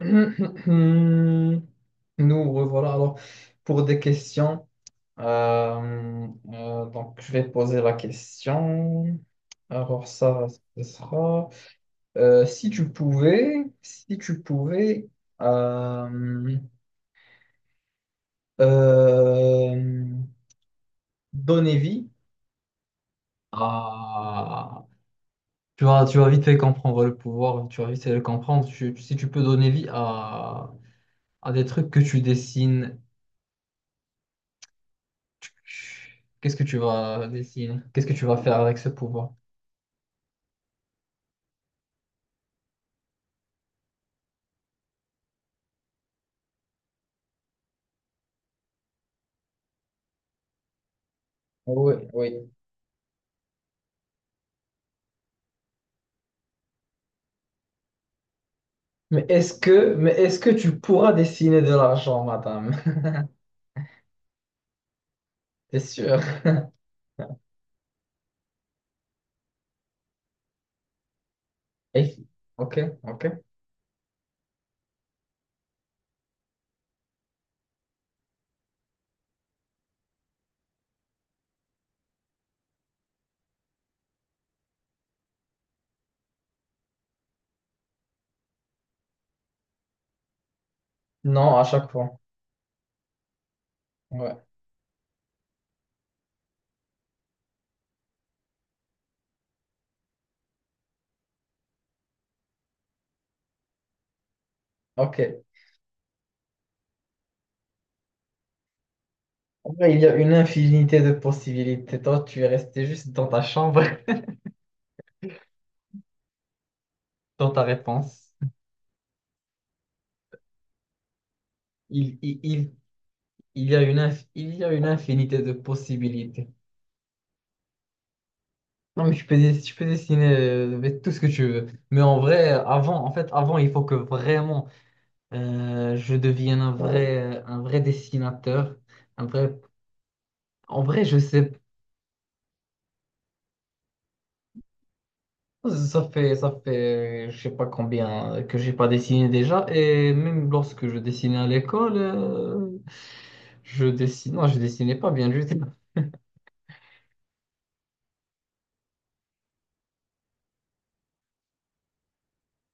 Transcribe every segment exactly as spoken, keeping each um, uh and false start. Nous revoilà alors pour des questions. Euh, euh, donc, je vais poser la question. Alors, ça, ce sera. Euh, si tu pouvais, si tu pouvais euh, euh, donner vie à. Tu vas, tu vas vite fait comprendre le pouvoir, tu vas vite fait le comprendre. Tu- si tu peux donner vie à, à des trucs que tu dessines. Qu'est-ce que tu vas dessiner? Qu'est-ce que tu vas faire avec ce pouvoir? Oui, oui. Mais est-ce que, mais est-ce que tu pourras dessiner de l'argent, madame? T'es sûr? Et- Ok, ok. Non, à chaque fois. Ouais, ok. En vrai, il y a une infinité de possibilités. Toi, tu es resté juste dans ta chambre, dans ta réponse. Il, il, il, il y a une, inf- il y a une infinité de possibilités. Non, mais tu peux, dess- tu peux dessiner euh, mais tout ce que tu veux. Mais en vrai, avant, en fait, avant, il faut que vraiment Euh, je devienne un vrai, euh, un vrai dessinateur. Un vrai... En vrai, je sais pas, ça fait, ça fait, je sais pas combien que j'ai pas dessiné déjà. Et même lorsque je dessinais à l'école, euh, je dessinais, non, je dessinais pas bien du tout.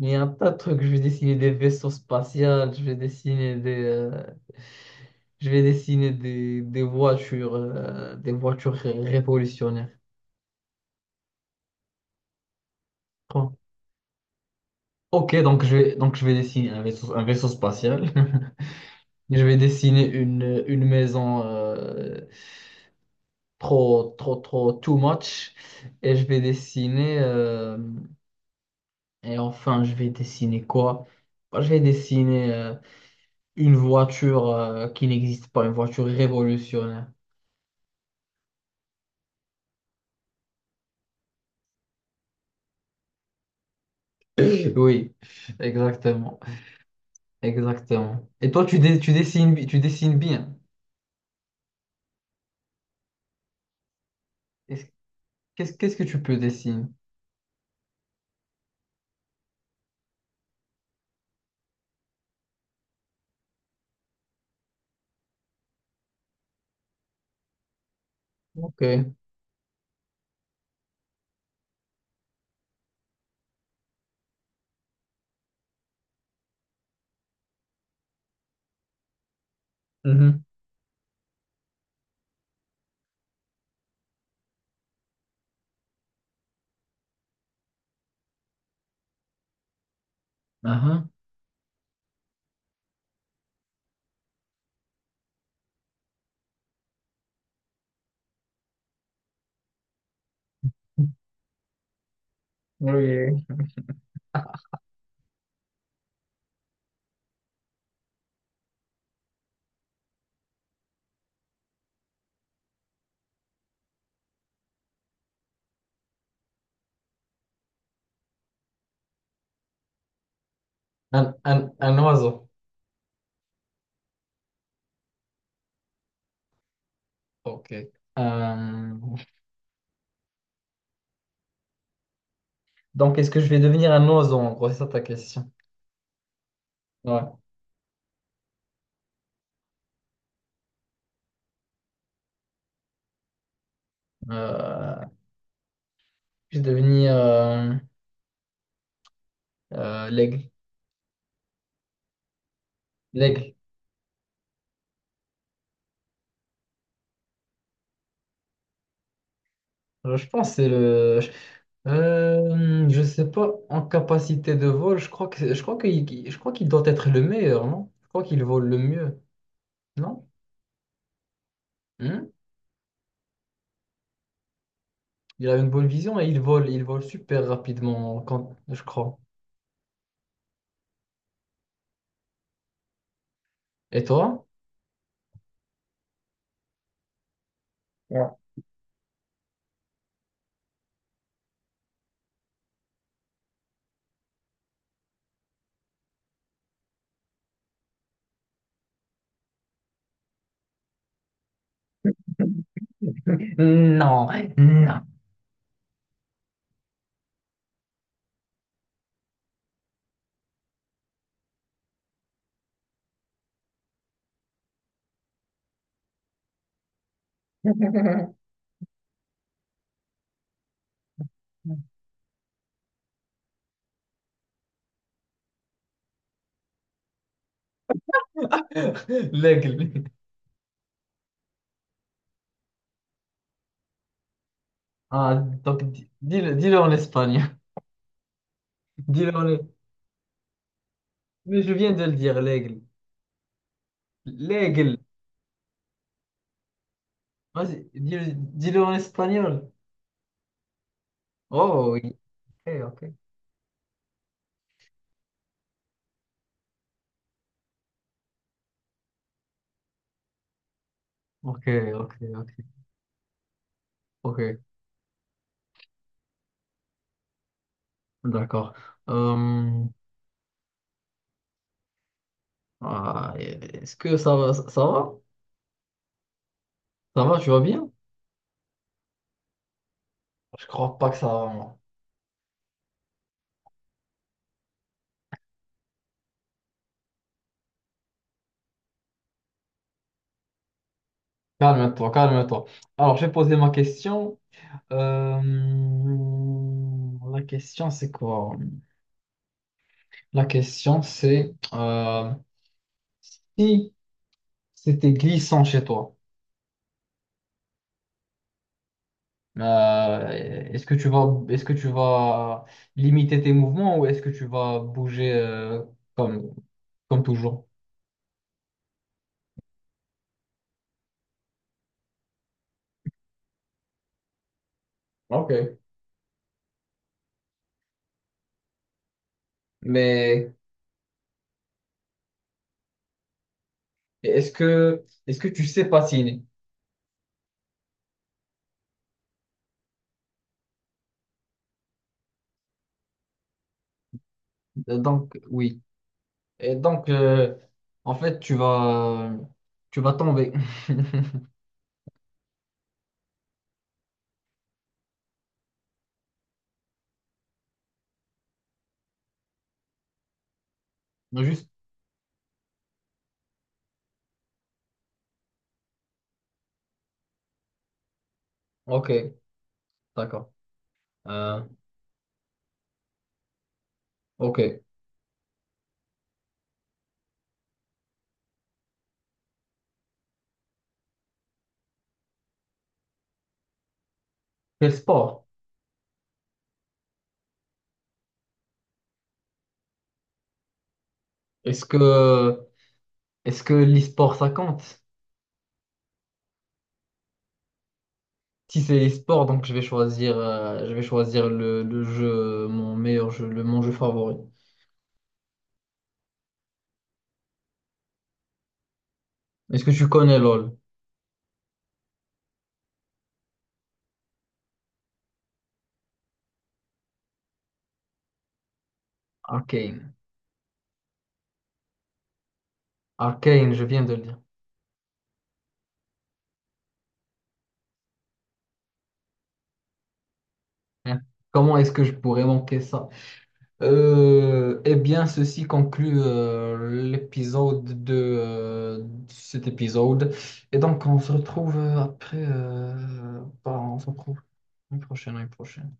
Il y a un tas de trucs. Je vais dessiner des vaisseaux spatials, je vais dessiner des, euh, je vais dessiner des, des voitures, euh, des voitures ré- révolutionnaires. Bon. Ok, donc je vais, donc je vais dessiner un vaisseau, un vaisseau spatial. Je vais dessiner une, une maison euh, trop, trop, trop, too much. Et je vais dessiner. Euh, et enfin, je vais dessiner quoi? Bah, je vais dessiner euh, une voiture euh, qui n'existe pas, une voiture révolutionnaire. Oui, exactement. Exactement. Et toi, tu, dé- tu dessines, bi- tu dessines bien. Est-ce- Qu'est-ce qu'est-ce que tu peux dessiner? Ok. Mhm. Aha. Oui. Un, un, un oiseau. Ok. Euh, Donc, est-ce que je vais devenir un oiseau, en gros, c'est ça ta question. Ouais. Euh, je vais devenir euh, euh, l'aigle. L'aigle. Euh, Je pense que c'est le. je- Euh, je sais pas, en capacité de vol, je crois que je crois qu'il qu'il- je crois qu'il doit être le meilleur, non? Je crois qu'il vole le mieux, non? Hmm. Il a une bonne vision et il vole, il vole super rapidement quand je crois. Et toi? Ouais. Non, non. L'aigle. Ah, donc di- dis-le, dis-le en espagnol. Dis-le en... Mais je viens de le dire, l'aigle. L'aigle. Vas-y, dis-le, dis-le en espagnol. Oh, oui. Ok, ok. Ok, ok, ok. Ok, d'accord. Euh, ah, est-ce que ça va? Ça ça va? Ça va, tu vas bien? Je crois pas que ça va. Moi, calme-toi, calme-toi. Alors, j'ai posé ma question. Euh, la question, c'est quoi? La question, c'est... euh, Si c'était glissant chez toi. Euh, Est-ce que tu vas, est-ce que tu vas limiter tes mouvements ou est-ce que tu vas bouger euh, comme, comme toujours? Ok. Mais est-ce que, est-ce que tu sais patiner? Euh, Donc, oui. Et donc, euh, en fait, tu vas, tu vas tomber. Juste. Ok, d'accord. Euh, ok. Quel sport? Est-ce que, est-ce que l'e-sport ça compte? Si c'est les sports, donc je vais choisir, euh, je vais choisir le, le jeu, mon meilleur jeu, le, mon jeu favori. Est-ce que tu connais lol? Arcane. Arcane, je viens de le dire. Hein. Comment est-ce que je pourrais manquer ça? Euh, eh bien, ceci conclut euh, l'épisode de euh, cet épisode. Et donc, on se retrouve euh, après. Euh, bah, on se retrouve une prochaine, une prochaine.